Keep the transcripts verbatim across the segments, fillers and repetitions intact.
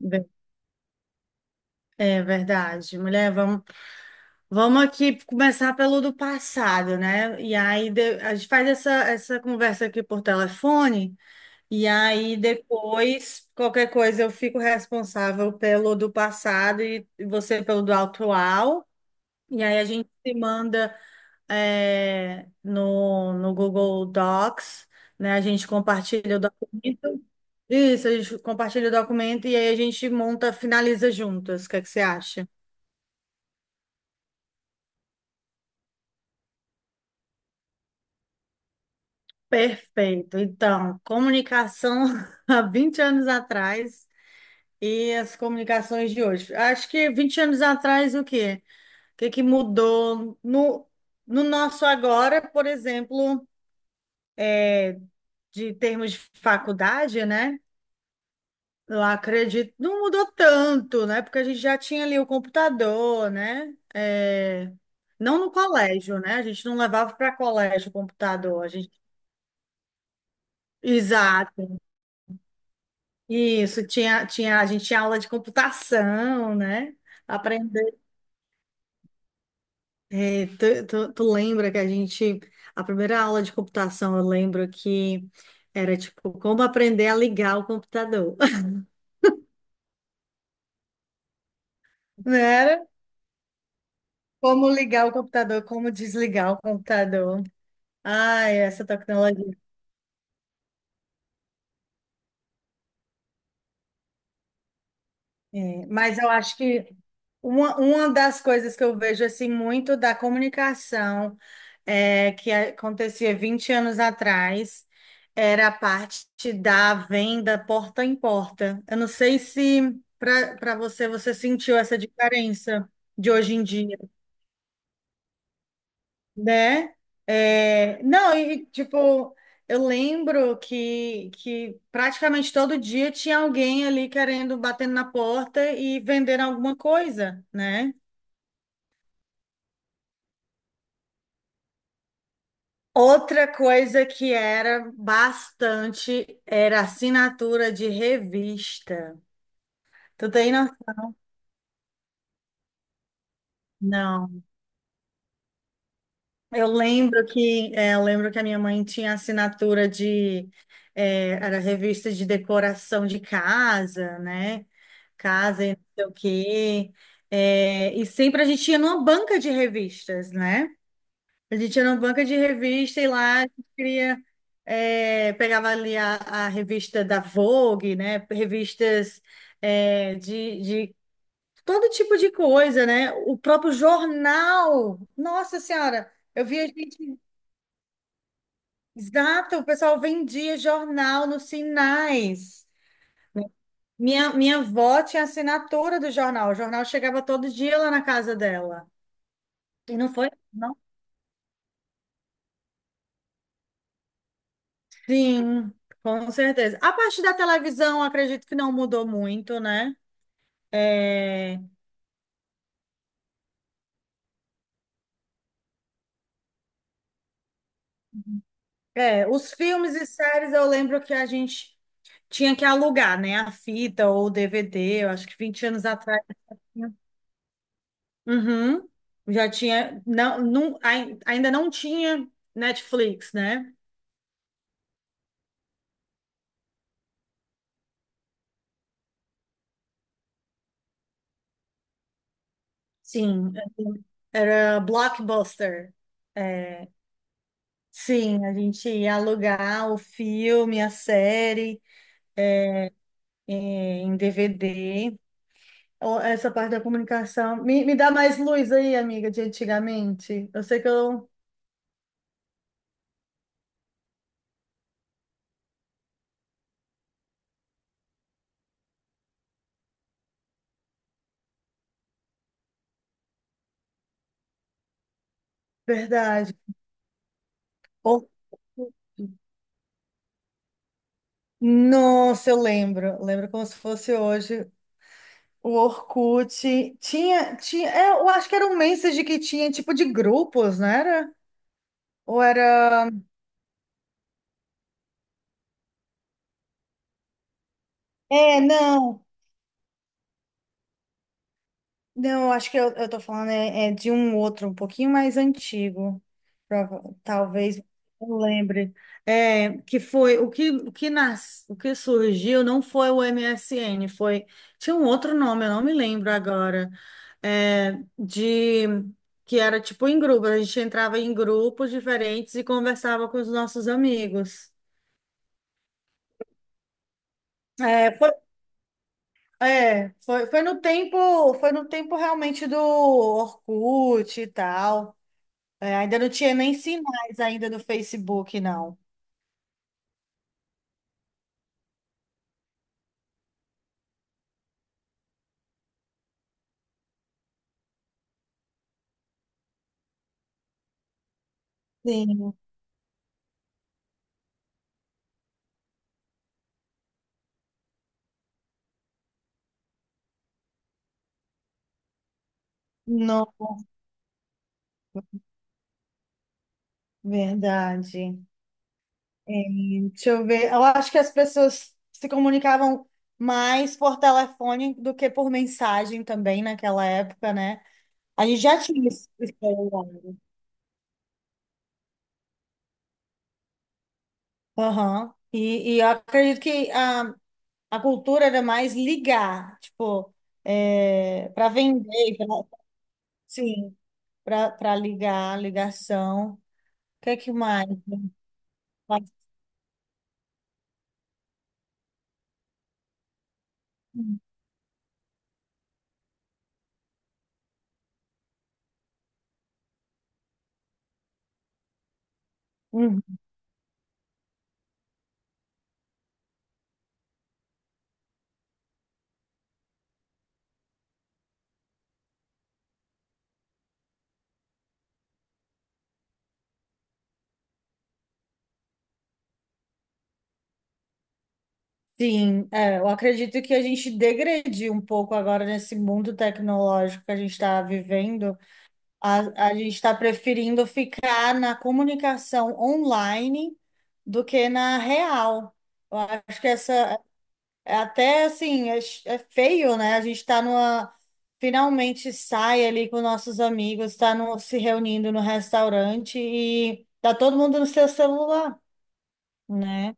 Ver- É verdade, mulher. Vamos, vamos aqui começar pelo do passado, né? E aí de- a gente faz essa, essa conversa aqui por telefone, e aí depois qualquer coisa eu fico responsável pelo do passado e você pelo do atual. E aí a gente se manda é, no, no Google Docs, né? A gente compartilha o documento. Isso, a gente compartilha o documento e aí a gente monta, finaliza juntas. O que é que você acha? Perfeito. Então, comunicação há vinte anos atrás e as comunicações de hoje. Acho que vinte anos atrás, o quê? O que que mudou no, no nosso agora, por exemplo, de termos de faculdade, né? Eu acredito, não mudou tanto, né? Porque a gente já tinha ali o computador, né? É, não no colégio, né? A gente não levava para colégio o computador. A gente... exato. Isso, tinha, tinha, a gente tinha aula de computação, né? Aprender. É, tu, tu, tu lembra que a gente, a primeira aula de computação, eu lembro que era tipo como aprender a ligar o computador. Não era? Como ligar o computador, como desligar o computador. Ai, essa tecnologia. É, mas eu acho que uma, uma das coisas que eu vejo assim muito da comunicação é, que acontecia vinte anos atrás era a parte da venda porta em porta. Eu não sei se para para você você sentiu essa diferença de hoje em dia, né? É, não, e tipo, eu lembro que, que praticamente todo dia tinha alguém ali querendo, batendo na porta e vendendo alguma coisa, né? Outra coisa que era bastante era assinatura de revista. Tu tem noção? Não. Eu lembro que, é, eu lembro que a minha mãe tinha assinatura de, é, era revista de decoração de casa, né? Casa e não sei o quê. É, e sempre a gente ia numa banca de revistas, né? A gente ia numa banca de revista e lá a gente queria, é, pegava ali a, a revista da Vogue, né? Revistas, é, de, de todo tipo de coisa, né? O próprio jornal. Nossa Senhora! Eu via gente. Exato, o pessoal vendia jornal nos sinais. Minha, minha avó tinha assinatura do jornal. O jornal chegava todo dia lá na casa dela. E não foi, não? Sim, com certeza. A parte da televisão, acredito que não mudou muito, né? É, é, os filmes e séries eu lembro que a gente tinha que alugar, né? A fita ou o D V D, eu acho que vinte anos atrás. Tinha. Uhum. Já tinha, não, não, ai- ainda não tinha Netflix, né? Sim, era blockbuster. É, sim, a gente ia alugar o filme, a série, é, em D V D. Ó, essa parte da comunicação. Me, me dá mais luz aí, amiga, de antigamente. Eu sei que eu. Verdade. Or- Nossa, eu lembro. Lembro como se fosse hoje. O Orkut tinha, tinha, é, eu acho que era um message que tinha tipo de grupos, não era? Ou era? É, não. Não, eu acho que eu, eu tô falando é, é de um outro, um pouquinho mais antigo. Prova- Talvez eu lembre. É, que foi o que, o que nas, o que surgiu não foi o M S N, foi. Tinha um outro nome, eu não me lembro agora. É, de que era tipo em grupo, a gente entrava em grupos diferentes e conversava com os nossos amigos. É, foi, é, foi, foi no tempo, foi no tempo realmente do Orkut e tal. É, ainda não tinha nem sinais ainda do Facebook, não. Sim, não, verdade. É, deixa eu ver. Eu acho que as pessoas se comunicavam mais por telefone do que por mensagem também naquela época, né? A gente já tinha esse esse celular. Aham. E, e eu acredito que a, a cultura era mais ligar, tipo, é, para vender, pra, sim, para ligar, ligação. O que é que mais? Uhum. Sim, é, eu acredito que a gente degrediu um pouco agora nesse mundo tecnológico que a gente está vivendo. A, a gente está preferindo ficar na comunicação online do que na real. Eu acho que essa, é até assim, é, ch- é feio, né? A gente está numa, finalmente sai ali com nossos amigos, está no, se reunindo no restaurante e tá todo mundo no seu celular, né?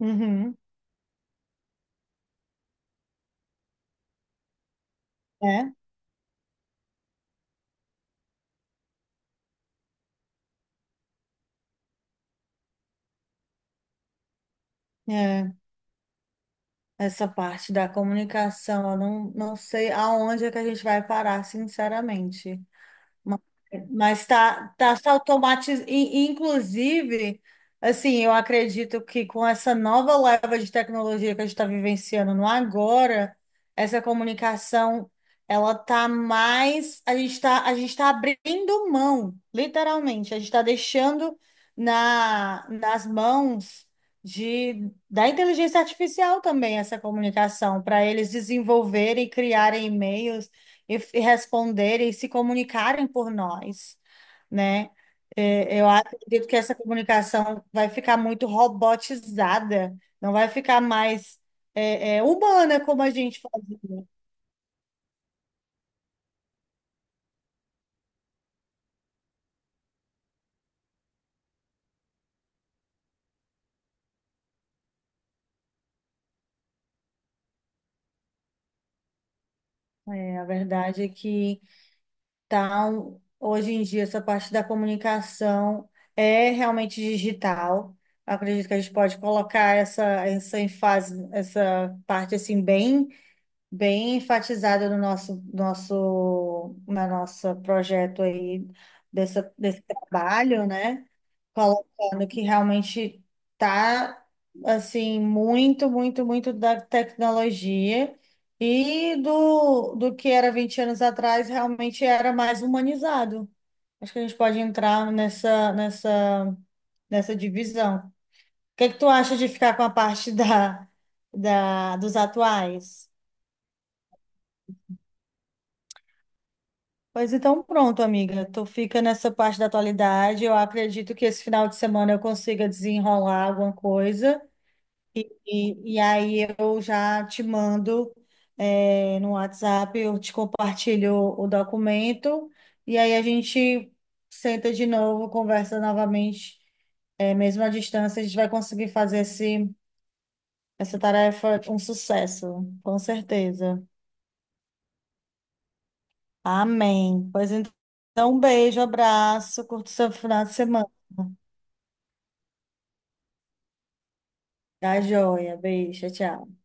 Uhum. É, é. Essa parte da comunicação, eu não, não sei aonde é que a gente vai parar, sinceramente. Ma- Mas tá, tá se automatizando. Inclusive, assim, eu acredito que com essa nova leva de tecnologia que a gente está vivenciando no agora, essa comunicação, ela tá mais. A gente está a gente tá abrindo mão, literalmente. A gente está deixando na, nas mãos de, da inteligência artificial também essa comunicação, para eles desenvolverem e criarem e-mails e, e responderem e se comunicarem por nós, né? É, eu acredito que essa comunicação vai ficar muito robotizada, não vai ficar mais é, é, humana como a gente fazia. É, a verdade é que tá, um- hoje em dia essa parte da comunicação é realmente digital. Eu acredito que a gente pode colocar essa, essa ênfase, essa parte assim bem bem enfatizado no nosso nosso na nossa projeto aí dessa, desse trabalho, né? Colocando que realmente tá assim muito, muito, muito da tecnologia e do, do que era vinte anos atrás realmente era mais humanizado. Acho que a gente pode entrar nessa nessa nessa divisão. O que que tu acha de ficar com a parte da, da dos atuais? Pois então, pronto, amiga. Tu fica nessa parte da atualidade. Eu acredito que esse final de semana eu consiga desenrolar alguma coisa. E, e aí eu já te mando, é, no WhatsApp, eu te compartilho o documento. E aí a gente senta de novo, conversa novamente. É, mesmo à distância, a gente vai conseguir fazer esse, essa tarefa um sucesso, com certeza. Amém. Pois então, um beijo, abraço, curta o seu final de semana. Tá joia. Beijo, tchau.